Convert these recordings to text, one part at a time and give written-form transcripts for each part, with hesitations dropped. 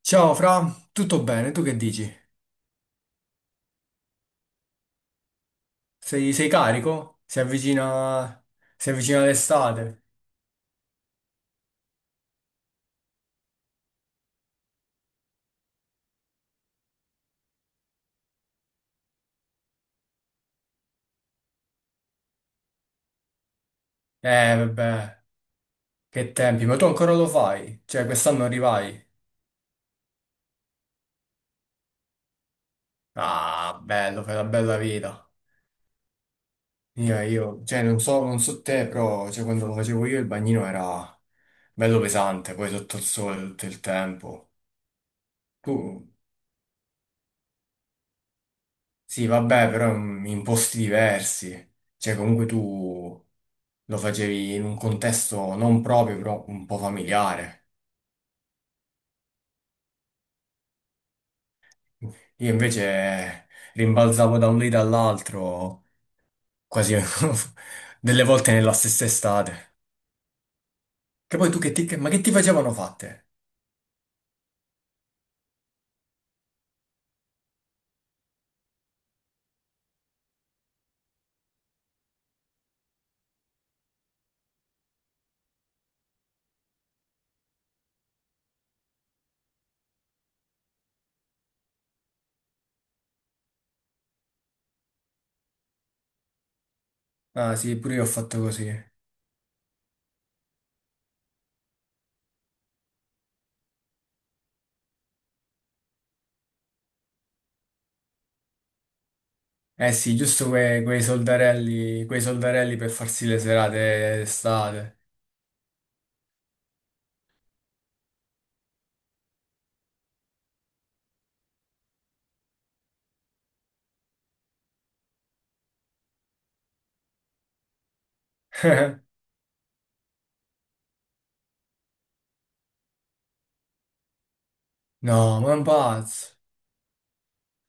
Ciao Fra, tutto bene? Tu che dici? Sei carico? Si avvicina l'estate? Vabbè, che tempi, ma tu ancora lo fai? Cioè, quest'anno arrivai? Ah, bello, fai la bella vita. Cioè, non so te, però, cioè, quando lo facevo io il bagnino era bello pesante, poi sotto il sole tutto il tempo. Tu, sì, vabbè, però in posti diversi. Cioè, comunque tu lo facevi in un contesto non proprio, però un po' familiare. Io invece rimbalzavo da un lì all'altro, quasi delle volte nella stessa estate. Che poi tu che ti... Ma che ti facevano fatte? Ah sì, pure io ho fatto così. Eh sì, giusto quei soldarelli per farsi le serate estate. No, ma è un pazzo.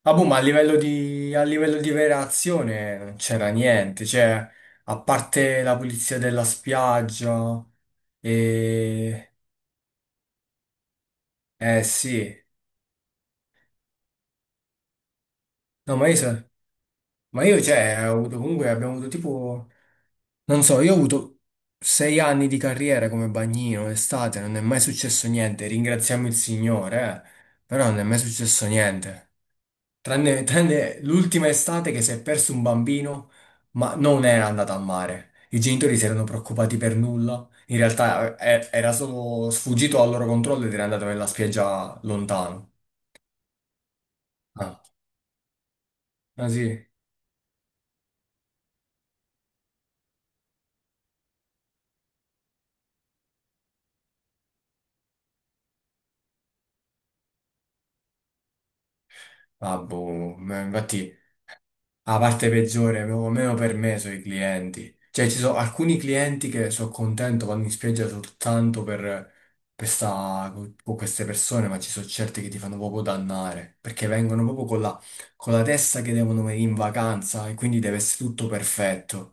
Ah, boh, ma a livello di vera azione non c'era niente, cioè, a parte la pulizia della spiaggia, e... eh sì, no, ma io, cioè, ho avuto comunque, abbiamo avuto tipo, non so, io ho avuto sei anni di carriera come bagnino, estate, non è mai successo niente, ringraziamo il Signore, però non è mai successo niente. Tranne l'ultima estate che si è perso un bambino, ma non era andato a mare. I genitori si erano preoccupati per nulla. In realtà era solo sfuggito al loro controllo ed era andato nella spiaggia lontano. Ah, ah sì? Ah, boh. Ma infatti la parte peggiore, proprio meno per me, sono i clienti. Cioè, ci sono alcuni clienti che sono contento, vanno in spiaggia soltanto per, con queste persone, ma ci sono certi che ti fanno proprio dannare, perché vengono proprio con la testa che devono venire in vacanza e quindi deve essere tutto perfetto.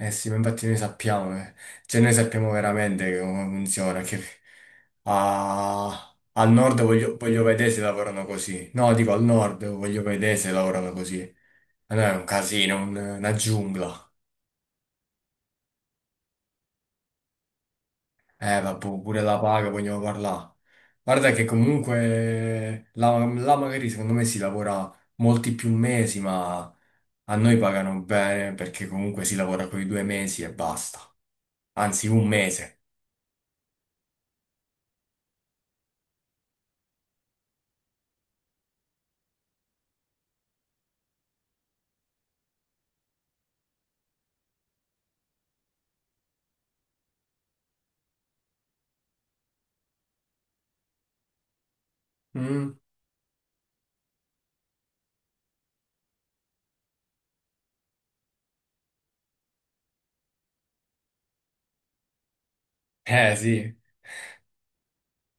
Eh sì, ma infatti noi sappiamo, eh. Cioè noi sappiamo veramente come funziona, che al nord voglio vedere se lavorano così. No, dico al nord voglio vedere se lavorano così. No, è un casino, una giungla. Vabbè, pure la paga vogliamo parlare. Guarda che comunque là magari secondo me si lavora molti più mesi, ma a noi pagano bene perché comunque si lavora quei due mesi e basta. Anzi, un mese. Mm? Eh sì,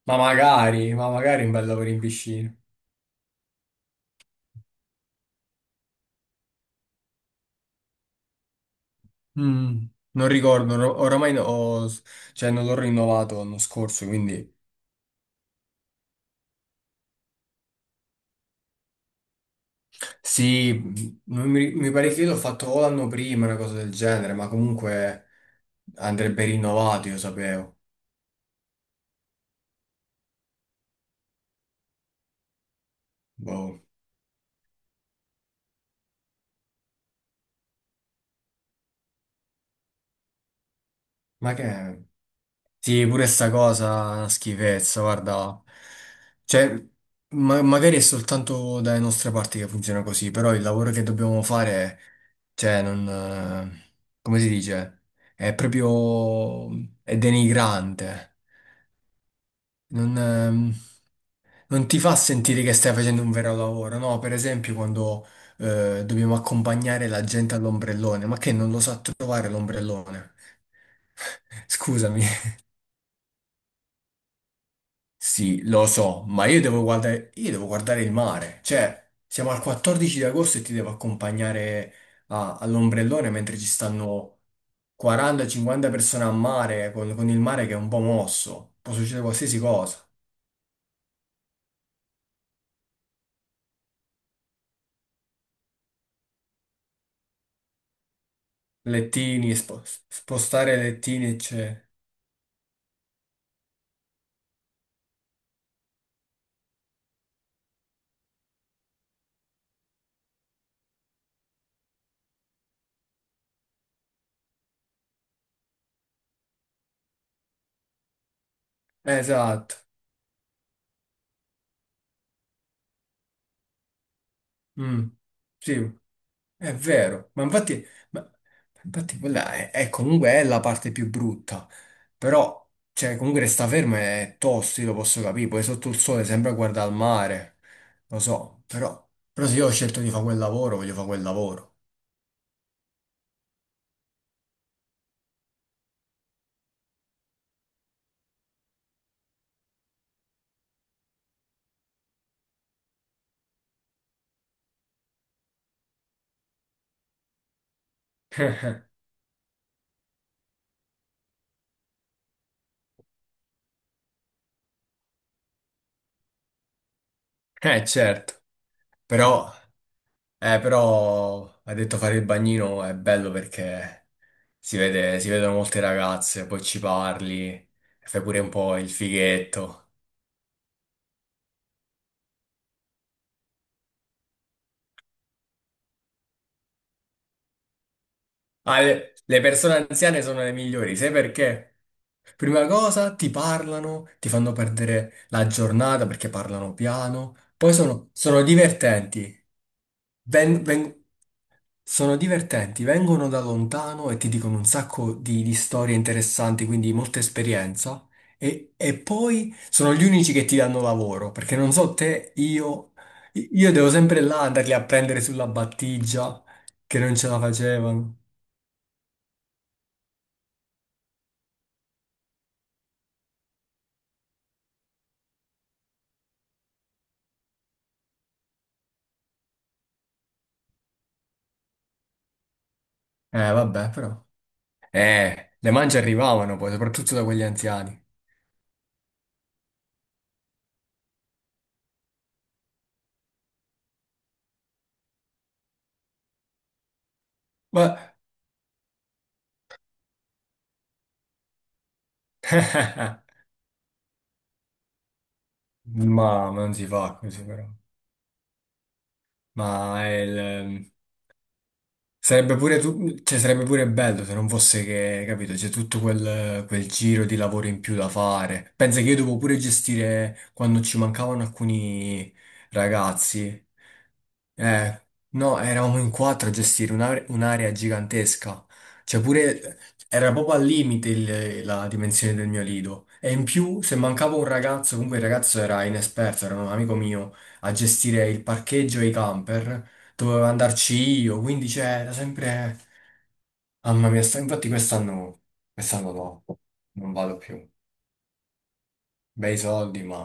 ma magari un bel lavoro in piscina. Mm, non ricordo, oramai cioè, non l'ho rinnovato l'anno scorso, quindi... Sì, non mi, mi pare che io l'ho fatto o l'anno prima, una cosa del genere, ma comunque andrebbe rinnovato, io sapevo. Boh. Ma che... Sì, pure sta cosa è una schifezza, guarda. Cioè, magari è soltanto dalle nostre parti che funziona così, però il lavoro che dobbiamo fare, cioè, non... come si dice? È proprio... è denigrante. Non... non ti fa sentire che stai facendo un vero lavoro, no? Per esempio, quando dobbiamo accompagnare la gente all'ombrellone, ma che non lo sa trovare l'ombrellone? Scusami. Sì, lo so, ma io devo guardare il mare. Cioè, siamo al 14 di agosto e ti devo accompagnare all'ombrellone mentre ci stanno 40-50 persone a mare, con il mare che è un po' mosso. Può succedere qualsiasi cosa. Lettini, spostare lettini, eccetera. Esatto. Mm. Sì, è vero. Ma infatti, ma infatti quella è comunque è la parte più brutta. Però, cioè, comunque resta fermo è tosto, io lo posso capire. Poi sotto il sole sembra guardare al mare. Lo so, però, però se io ho scelto di fare quel lavoro, voglio fare quel lavoro. Certo. Però, però, ha detto fare il bagnino è bello perché si vede, si vedono molte ragazze, poi ci parli, fai pure un po' il fighetto. Ah, le persone anziane sono le migliori, sai perché? Prima cosa ti parlano, ti fanno perdere la giornata perché parlano piano, poi sono divertenti, Ven- ven- sono divertenti, vengono da lontano e ti dicono un sacco di storie interessanti, quindi molta esperienza, e poi sono gli unici che ti danno lavoro, perché non so te, io devo sempre là andarli a prendere sulla battigia, che non ce la facevano. Vabbè, però. Le mance arrivavano poi, soprattutto da quegli anziani. Ma, ma non si fa così, però. Ma è il, sarebbe pure, cioè, sarebbe pure bello se non fosse che, capito, c'è tutto quel, quel giro di lavoro in più da fare. Pensa che io devo pure gestire quando ci mancavano alcuni ragazzi. Eh, no, eravamo in quattro a gestire un'area gigantesca. Cioè pure, era proprio al limite la dimensione del mio lido. E in più, se mancava un ragazzo, comunque il ragazzo era inesperto, era un amico mio, a gestire il parcheggio e i camper dovevo andarci io, quindi c'era sempre... Mamma mia, infatti quest'anno quest'anno no, non vado più. Bei soldi, ma...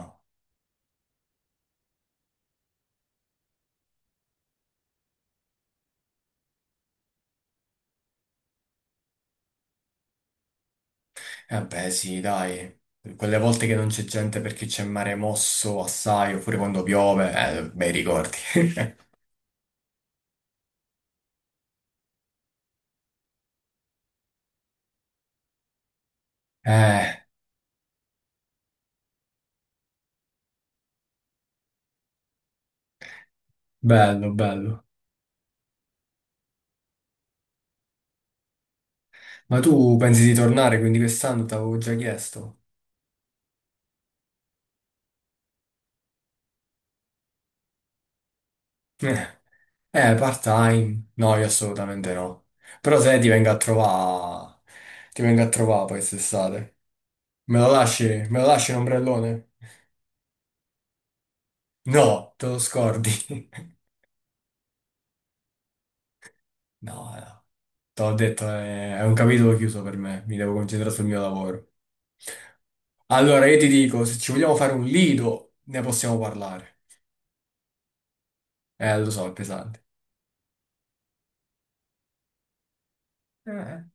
Eh beh, sì, dai. Quelle volte che non c'è gente perché c'è mare mosso assai, oppure quando piove, bei ricordi. Eh, bello, bello. Ma tu pensi di tornare, quindi quest'anno t'avevo già chiesto. Eh, part-time? No, io assolutamente no. Però se ti vengo a trovare, ti vengo a trovare poi quest'estate. Me lo lasci? Me lo lasci un ombrellone? No, te lo scordi. No, no, te l'ho detto, è un capitolo chiuso per me, mi devo concentrare sul mio lavoro. Allora, io ti dico, se ci vogliamo fare un lido, ne possiamo parlare. Lo so, è pesante. Eh,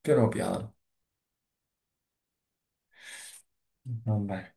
piano piano. Vabbè.